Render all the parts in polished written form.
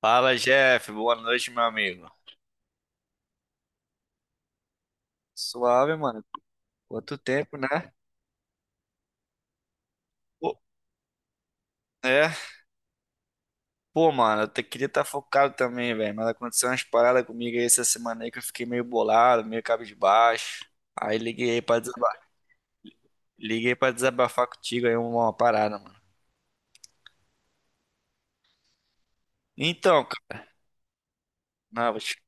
Fala, Jeff. Boa noite, meu amigo. Suave, mano. Quanto tempo, né? Pô, é, pô, mano, queria estar focado também, velho, mas aconteceu umas paradas comigo aí essa semana aí que eu fiquei meio bolado, meio cabisbaixo. Aí liguei aí pra desaba- Liguei pra desabafar contigo aí uma parada, mano. Então, cara, não,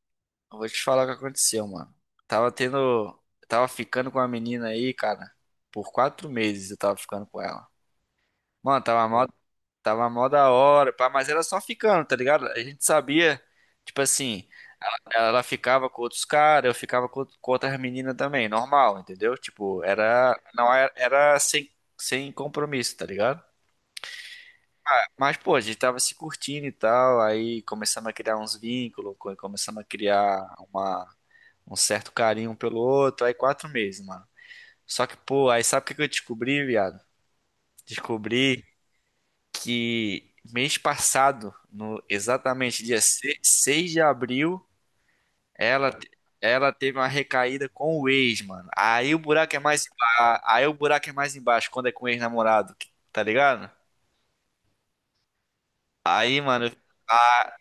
eu vou te falar o que aconteceu, mano. Tava tendo, tava ficando com a menina aí, cara, por 4 meses eu tava ficando com ela. Mano, tava mal. Tava mó da hora, pá, mas era só ficando, tá ligado? A gente sabia, tipo assim, ela ficava com outros caras, eu ficava com outras meninas também, normal, entendeu? Tipo, era, não era, sem compromisso, tá ligado? Mas, pô, a gente tava se curtindo e tal, aí começamos a criar uns vínculos, começamos a criar uma, um certo carinho um pelo outro, aí 4 meses, mano. Só que, pô, aí sabe o que que eu descobri, viado? Descobri que mês passado, no exatamente dia se- 6 de abril, ela, te- ela teve uma recaída com o ex, mano. Aí o buraco é mais embaixo quando é com o ex-namorado, tá ligado? Aí, mano, a-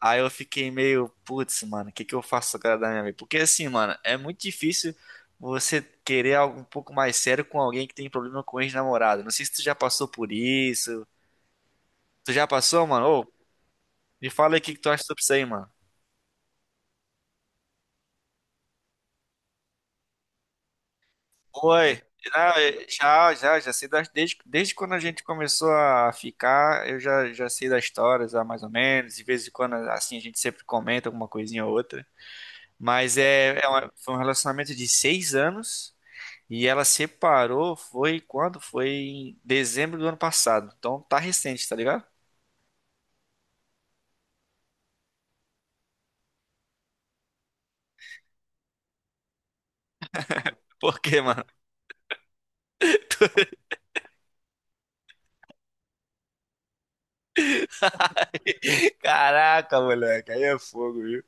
aí eu fiquei meio, putz, mano, o que que eu faço agora da minha vida? Porque assim, mano, é muito difícil você querer algo um pouco mais sério com alguém que tem problema com ex-namorado. Não sei se tu já passou por isso. Tu já passou, mano? Ô, me fala aí o que que tu acha sobre isso aí, mano. Oi, já, já sei das, desde quando a gente começou a ficar, eu já sei das histórias, ah, mais ou menos, de vez em quando, assim, a gente sempre comenta alguma coisinha ou outra, mas foi um relacionamento de 6 anos, e ela separou, foi quando? Foi em dezembro do ano passado, então tá recente, tá ligado? Por quê, mano? Caraca, moleque, aí é fogo, viu?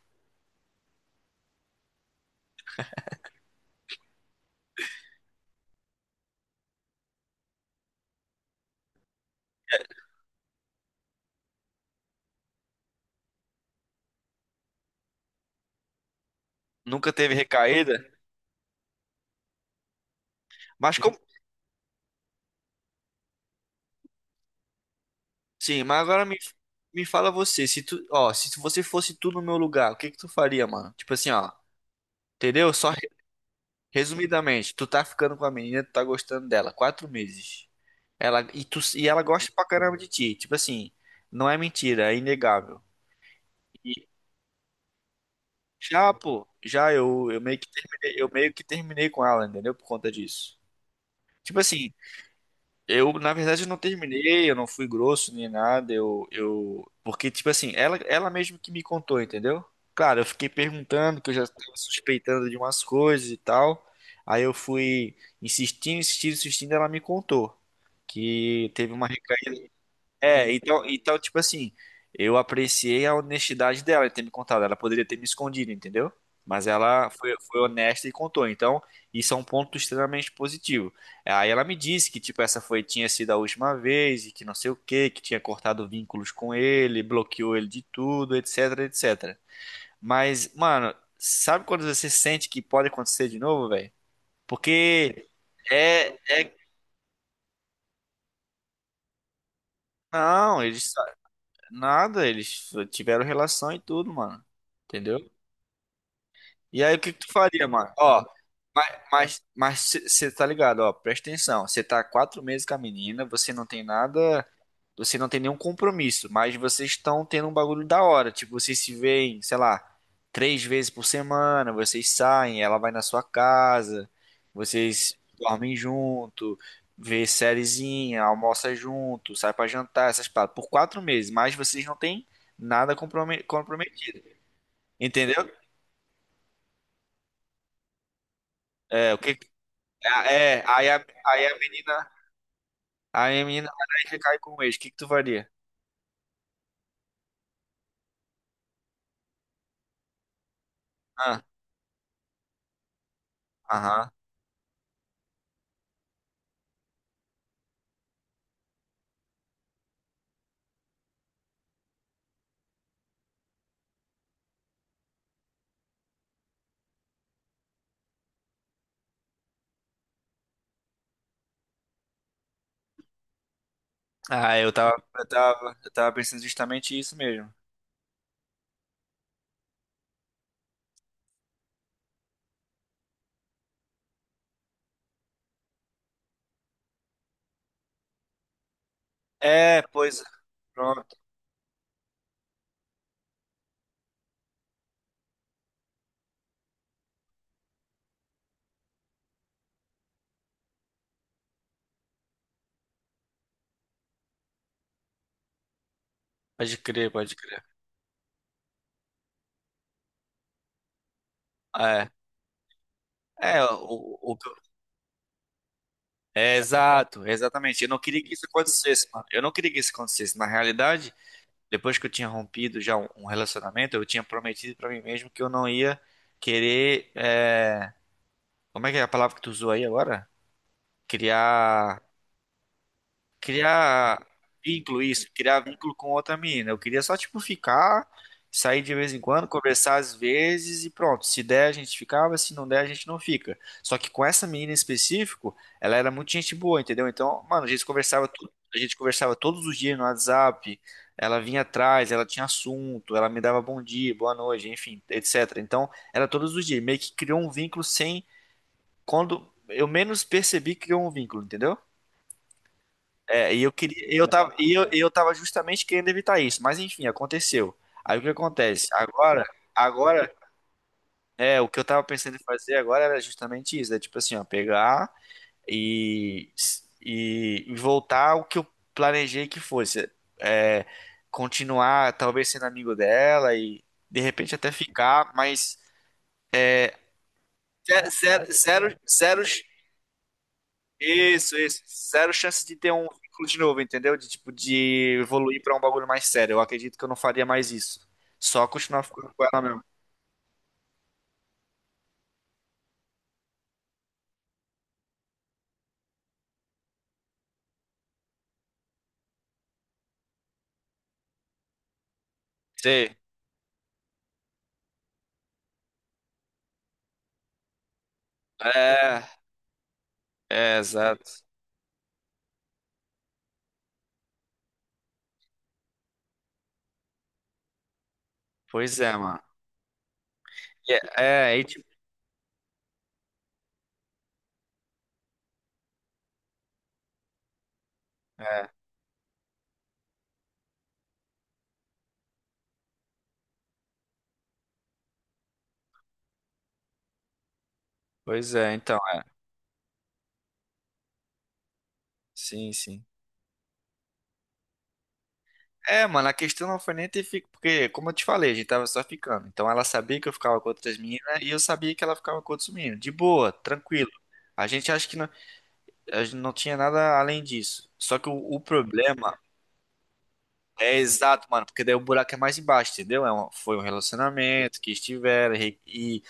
Nunca teve recaída, mas como, sim, mas me fala você, se tu, ó, se tu- você fosse tu no meu lugar, o que que tu faria, mano? Tipo assim, ó, entendeu? Resumidamente, tu tá ficando com a menina, tu tá gostando dela, 4 meses. Ela e tu e ela gosta pra caramba de ti, tipo assim, não é mentira, é inegável. E já, pô, já eu, eu meio que terminei com ela, entendeu? Por conta disso. Tipo assim, eu, na verdade, eu não terminei, eu não fui grosso nem nada, eu... Porque, tipo assim, ela mesmo que me contou, entendeu? Claro, eu fiquei perguntando, que eu já estava suspeitando de umas coisas e tal. Aí eu fui insistindo, insistindo, insistindo, ela me contou que teve uma recaída é, então, tipo assim, eu apreciei a honestidade dela em ter me contado. Ela poderia ter me escondido, entendeu? Mas ela foi honesta e contou. Então, isso é um ponto extremamente positivo. Aí ela me disse que, tipo, tinha sido a última vez e que não sei o quê, que tinha cortado vínculos com ele, bloqueou ele de tudo, etc, etc. Mas, mano, sabe quando você sente que pode acontecer de novo, velho? Porque é, é. Não, eles Nada, eles tiveram relação e tudo, mano. Entendeu? E aí, o que que tu faria, mano? Ó, mas você tá ligado, ó, presta atenção. Você tá há 4 meses com a menina, você não tem nada, você não tem nenhum compromisso, mas vocês estão tendo um bagulho da hora. Tipo, vocês se veem, sei lá, 3 vezes por semana, vocês saem, ela vai na sua casa, vocês dormem junto, vê sériezinha, almoça junto, sai pra jantar, essas paradas. Por 4 meses, mas vocês não têm nada comprome- comprometido. Entendeu? É, o que. É, é, aí a menina. Aí a menina vai lá e recai com o ex. O que que tu faria? Ah, aham. Ah, eu tava pensando justamente isso mesmo. É, pois, é. Pronto. Pode crer, pode crer. É, é, o, o, o- é exato, exatamente. Eu não queria que isso acontecesse, mano. Eu não queria que isso acontecesse. Na realidade, depois que eu tinha rompido já um relacionamento, eu tinha prometido pra mim mesmo que eu não ia querer. Como é que é a palavra que tu usou aí agora? Criar. Criar vínculo, isso, criar vínculo com outra menina. Eu queria só, tipo, ficar, sair de vez em quando, conversar às vezes e pronto. Se der, a gente ficava, se não der, a gente não fica. Só que com essa menina em específico, ela era muito gente boa, entendeu? Então, mano, a gente conversava todos os dias no WhatsApp. Ela vinha atrás, ela tinha assunto, ela me dava bom dia, boa noite, enfim, etc. Então, era todos os dias, meio que criou um vínculo sem quando eu menos percebi, criou um vínculo, entendeu? É, e eu tava justamente querendo evitar isso, mas enfim, aconteceu. Aí o que acontece? Agora, é, o que eu tava pensando em fazer agora era justamente isso, é tipo assim, ó, pegar e, e voltar ao que eu planejei que fosse, é, continuar talvez sendo amigo dela e de repente até ficar, mas ze- zero, zero, zero, isso, isso. Zero chance de ter um vínculo de novo, entendeu? De tipo, de evoluir pra um bagulho mais sério. Eu acredito que eu não faria mais isso. Só continuar ficando com ela mesmo. Sei. É, é, exato. Pois é, mano. E É, é, aí, tipo, é, pois é, então. É. Sim, sim. É, mano, a questão não foi nem ter ficado. Porque, como eu te falei, a gente tava só ficando. Então ela sabia que eu ficava com outras meninas e eu sabia que ela ficava com outros meninos. De boa, tranquilo. A gente acha que não, a gente não tinha nada além disso. Só que o problema é exato, mano, porque daí o buraco é mais embaixo, entendeu? Foi um relacionamento que estiveram e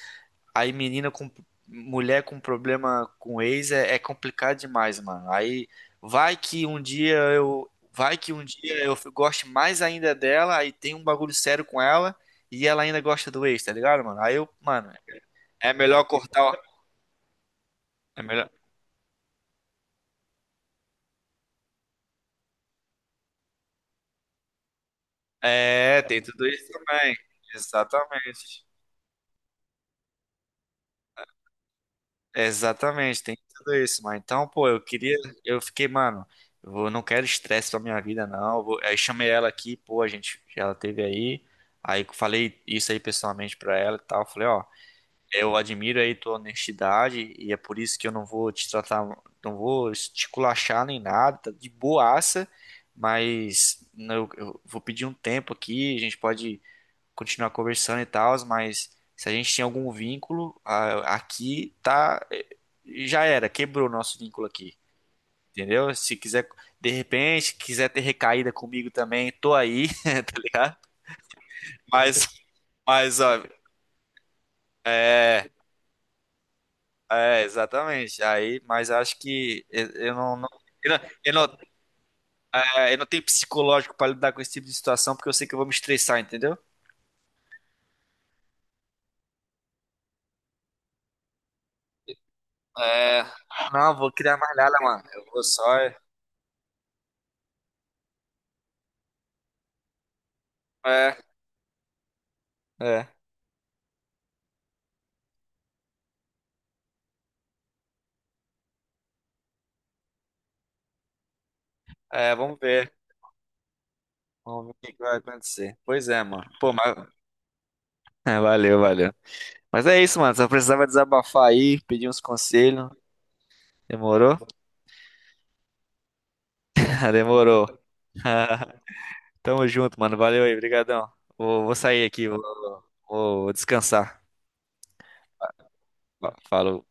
aí menina com mulher com problema com ex é complicado demais, mano. Aí vai que um dia eu goste mais ainda dela, aí tem um bagulho sério com ela e ela ainda gosta do ex, tá ligado, mano? Aí eu, mano, é melhor cortar, é melhor. É, tem tudo isso também. Exatamente. Exatamente, tem tudo isso, mas então, pô, eu queria, eu fiquei, mano, não quero estresse pra minha vida, não. Aí chamei ela aqui, pô, a gente, ela teve aí, aí eu falei isso aí pessoalmente pra ela e tal. Falei, ó, eu admiro aí tua honestidade e é por isso que eu não vou te tratar, não vou te culachar nem nada, tá de boaça, mas não, eu vou pedir um tempo aqui, a gente pode continuar conversando e tal, mas se a gente tinha algum vínculo, aqui tá. Já era, quebrou o nosso vínculo aqui. Entendeu? Se quiser, de repente, quiser ter recaída comigo também, tô aí, tá ligado? Mas, mas, ó, é, exatamente. Aí, mas acho que eu, eu não, eu não, eu não tenho psicológico pra lidar com esse tipo de situação, porque eu sei que eu vou me estressar, entendeu? É, não, vou criar mais nada, mano. Eu vou só. É, Vamos ver. Vamos ver o que que vai acontecer. Pois é, mano. Pô, mas... É, valeu, valeu. Mas é isso, mano. Só precisava desabafar aí, pedir uns conselhos. Demorou? Demorou. Tamo junto, mano. Valeu aí, brigadão. Vou sair aqui, vou descansar. Falou.